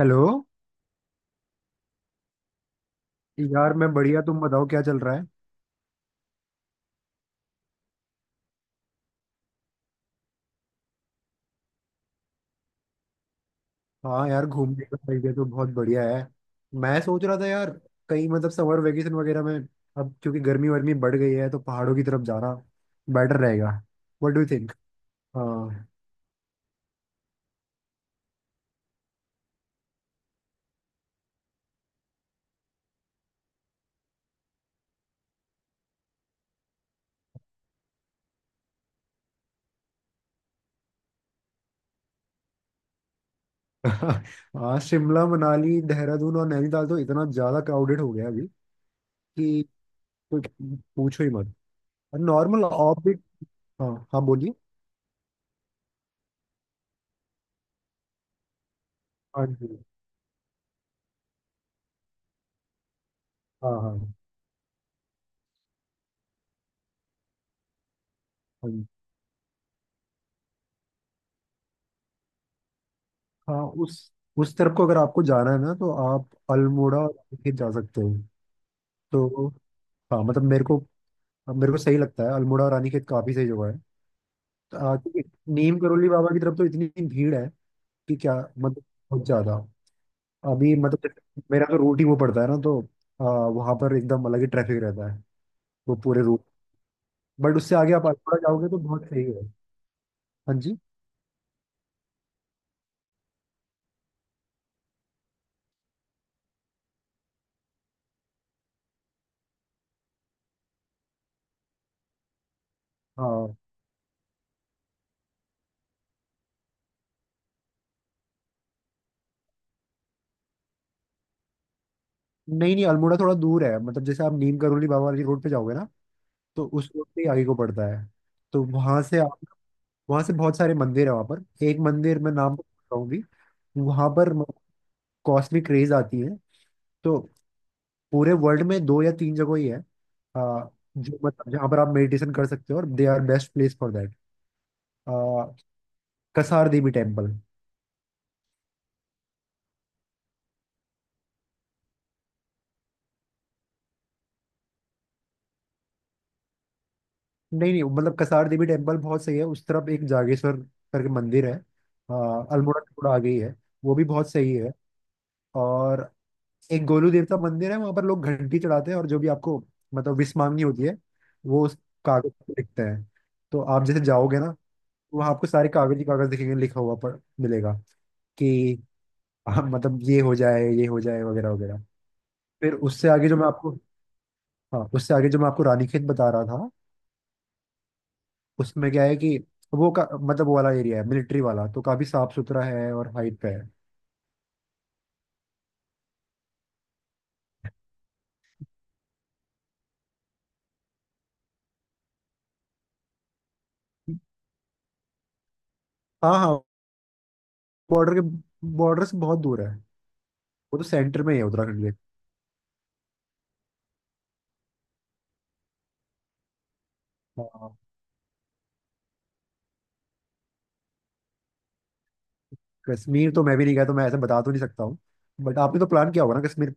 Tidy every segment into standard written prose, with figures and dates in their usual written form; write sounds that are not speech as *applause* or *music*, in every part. Hello. यार मैं बढ़िया। तुम बताओ क्या चल रहा है। हाँ यार, घूमने का आइडिया तो बहुत बढ़िया है। मैं सोच रहा था यार, कहीं मतलब समर वेकेशन वगैरह में, अब क्योंकि गर्मी वर्मी बढ़ गई है तो पहाड़ों की तरफ जाना बेटर रहेगा। What do you think? हाँ। *laughs* हाँ, शिमला मनाली देहरादून और नैनीताल तो इतना ज्यादा क्राउडेड हो गया अभी कि कोई पूछो ही मत। Normal orbit. हाँ हाँ, बोलिए। हाँ जी। हाँ हाँ हाँ। जी। हाँ, उस तरफ को अगर आपको जाना है ना तो आप अल्मोड़ा और फिर जा सकते हो। तो हाँ, मतलब मेरे को सही लगता है, अल्मोड़ा और रानीखेत काफी सही जगह है। तो, क्योंकि नीम करोली बाबा की तरफ तो इतनी भीड़ है कि क्या मतलब, बहुत ज्यादा। अभी मतलब मेरा तो रूट ही वो पड़ता है ना तो वहां पर एकदम अलग ही ट्रैफिक रहता है, वो पूरे रूट। बट उससे आगे आप अल्मोड़ा जाओगे तो बहुत सही है। हाँ जी। हाँ। नहीं नहीं, अल्मोड़ा थोड़ा दूर है। मतलब जैसे आप नीम करोली बाबा वाली रोड पे जाओगे ना, तो उस रोड पे ही आगे को पड़ता है। तो वहां से बहुत सारे मंदिर है। वहां पर एक मंदिर मैं नाम बताऊंगी। वहां पर कॉस्टली क्रेज आती है। तो पूरे वर्ल्ड में 2 या 3 जगह ही है आ, जो, मतलब जहाँ पर आप मेडिटेशन कर सकते हो, और they are best place for that. Kasar Devi temple. नहीं नहीं, मतलब कसार देवी टेम्पल बहुत सही है। उस तरफ एक जागेश्वर करके मंदिर है, अल्मोड़ा से थोड़ा आगे ही है, वो भी बहुत सही है। और एक गोलू देवता मंदिर है, वहाँ पर लोग घंटी चढ़ाते हैं और जो भी आपको मतलब विश मांगनी होती है वो उस कागज पे लिखते हैं। तो आप जैसे जाओगे ना, तो वहाँ आपको सारे कागज ही कागज दिखेंगे, लिखा हुआ पर मिलेगा कि हाँ, मतलब ये हो जाए वगैरह वगैरह। फिर उससे आगे जो मैं आपको हाँ, उससे आगे जो मैं आपको रानीखेत बता रहा था, उसमें क्या है कि वो, का मतलब वो वाला एरिया है मिलिट्री वाला, तो काफी साफ सुथरा है और हाइट पे है। हाँ हाँ। बॉर्डर के बॉर्डर से बहुत दूर है। वो तो सेंटर में ही है उत्तराखंड के। हाँ। कश्मीर तो मैं भी नहीं गया, तो मैं ऐसे बता तो नहीं सकता हूँ। बट आपने तो प्लान किया होगा ना कश्मीर?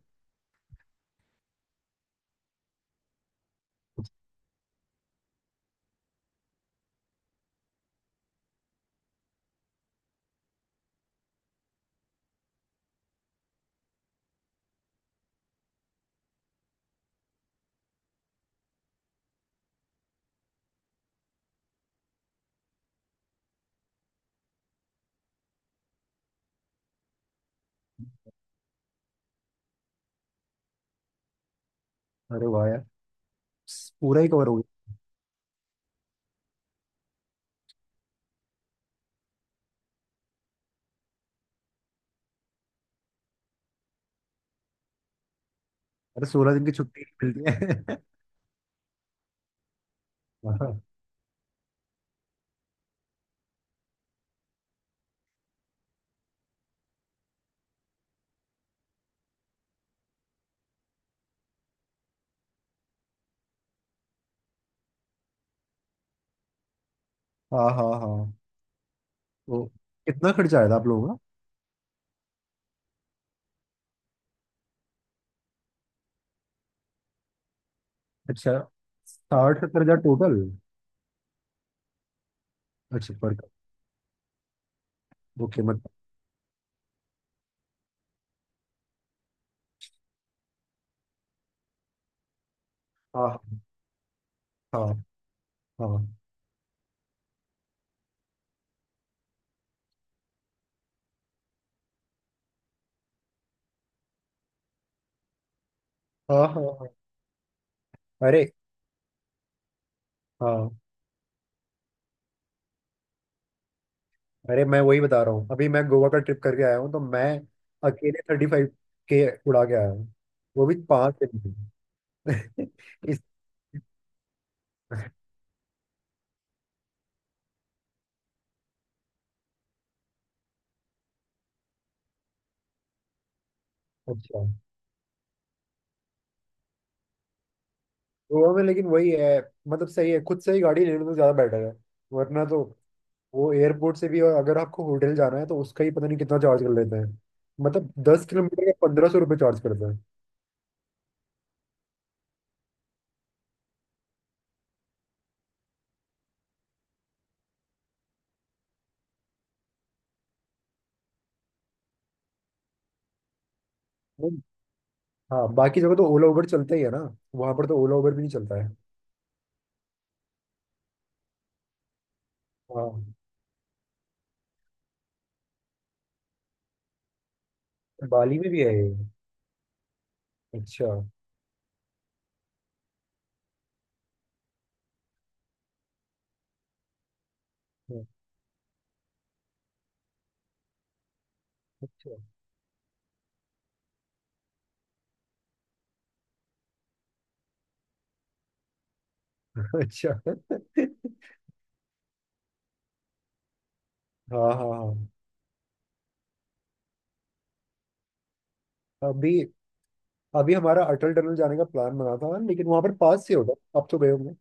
अरे वाह यार, पूरा ही कवर हो गया। अरे 16 दिन की छुट्टी मिलती है? *laughs* हाँ हाँ हाँ हाँ। तो कितना खर्चा आया था आप लोगों? अच्छा, 60-70 हजार टोटल? अच्छा पर, ओके। मत। हाँ हाँ हाँ हाँ हाँ हाँ। अरे। हाँ। अरे मैं वही बता रहा हूँ, अभी मैं गोवा का ट्रिप करके आया हूँ तो मैं अकेले 35 के उड़ा के आया हूँ। वो भी 5 दिन में। *laughs* इस अच्छा, गोवा में लेकिन वही है, मतलब सही है खुद से ही गाड़ी लेने तो, ज़्यादा बेटर है। वरना तो वो एयरपोर्ट से भी, और अगर आपको होटल जाना है तो उसका ही पता नहीं कितना चार्ज कर लेते हैं। मतलब 10 किलोमीटर का 1500 रुपये चार्ज करते हैं। हाँ, बाकी जगह तो ओला उबर चलता ही है ना। वहां पर तो ओला उबर भी नहीं चलता है। हाँ, बाली में भी है ये? अच्छा अच्छा। *laughs* अच्छा। हाँ हाँ हाँ। अभी अभी हमारा अटल टनल जाने का प्लान बना था, लेकिन वहां पर पास से होगा, अब तो गए होंगे।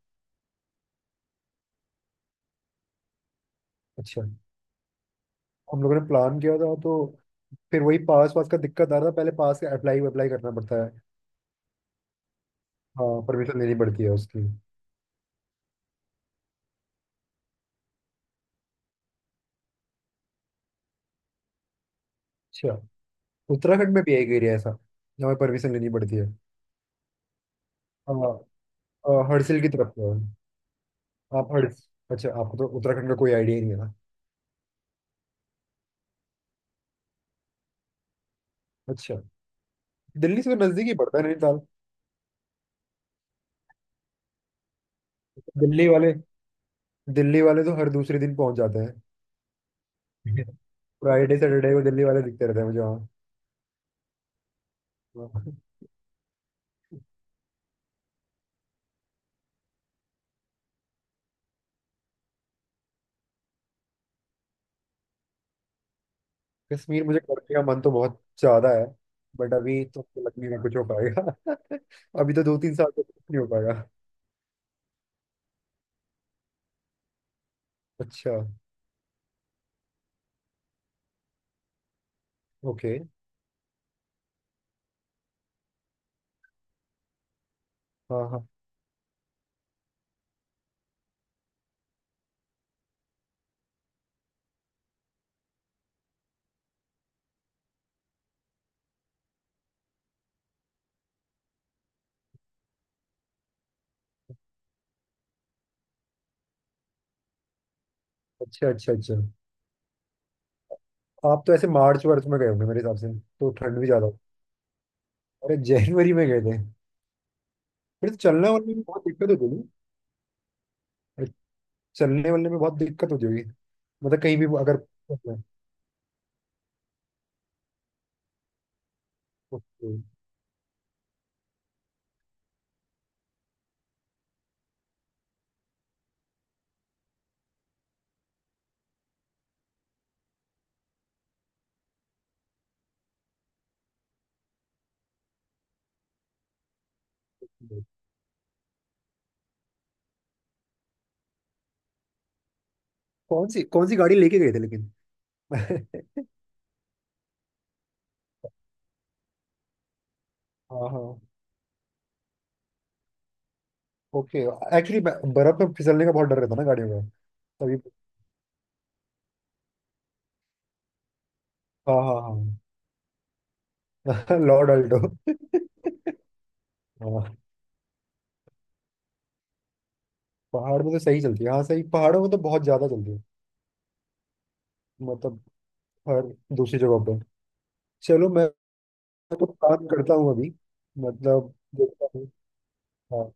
अच्छा, हम लोगों ने प्लान किया था, तो फिर वही पास वास का दिक्कत आ रहा था। पहले पास का अप्लाई अप्लाई करना पड़ता है। हाँ, परमिशन लेनी पड़ती है उसकी। अच्छा, उत्तराखंड में भी है एक एरिया ऐसा जहाँ परमिशन लेनी पड़ती है। हाँ, हर्सिल की तरफ है। आप हर अच्छा, आपको तो उत्तराखंड का कोई आइडिया ही नहीं है ना? अच्छा, दिल्ली से तो नजदीक ही पड़ता है नैनीताल। दिल्ली वाले दिल्ली वाले तो हर दूसरे दिन पहुंच जाते हैं। फ्राइडे सैटरडे को दिल्ली वाले दिखते रहते हैं मुझे। वहाँ कश्मीर मुझे करने का मन तो बहुत ज्यादा है। बट अभी तो मुझे लग नहीं रहा कुछ हो पाएगा। *laughs* अभी तो 2-3 साल तक कुछ नहीं हो पाएगा। अच्छा। ओके। हाँ हाँ। अच्छा अच्छा अच्छा। आप तो ऐसे मार्च वर्च में गए होंगे मेरे हिसाब से, तो ठंड भी ज्यादा हो। अरे, जनवरी में गए थे? फिर तो चलना वलना भी बहुत दिक्कत होती है। चलने वलने में बहुत दिक्कत होती होगी, मतलब कहीं भी वो अगर। ओके, कौन सी गाड़ी लेके गए थे लेकिन? *laughs* हाँ हाँ। ओके। एक्चुअली बर्फ में फिसलने का बहुत डर रहता ना गाड़ियों का, तभी। हाँ हाँ हाँ। *laughs* Lord Alto. हाँ, पहाड़ में तो सही चलती है। हाँ सही, पहाड़ों में तो बहुत ज्यादा चलती है। मतलब हर दूसरी जगह पर। चलो मैं तो काम करता हूँ अभी। मतलब देखता हूँ। हाँ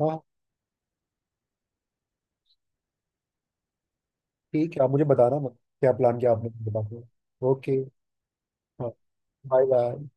हाँ ठीक है। आप मुझे बताना मत क्या प्लान किया आपने बताते। ओके। हाँ। Bye bye.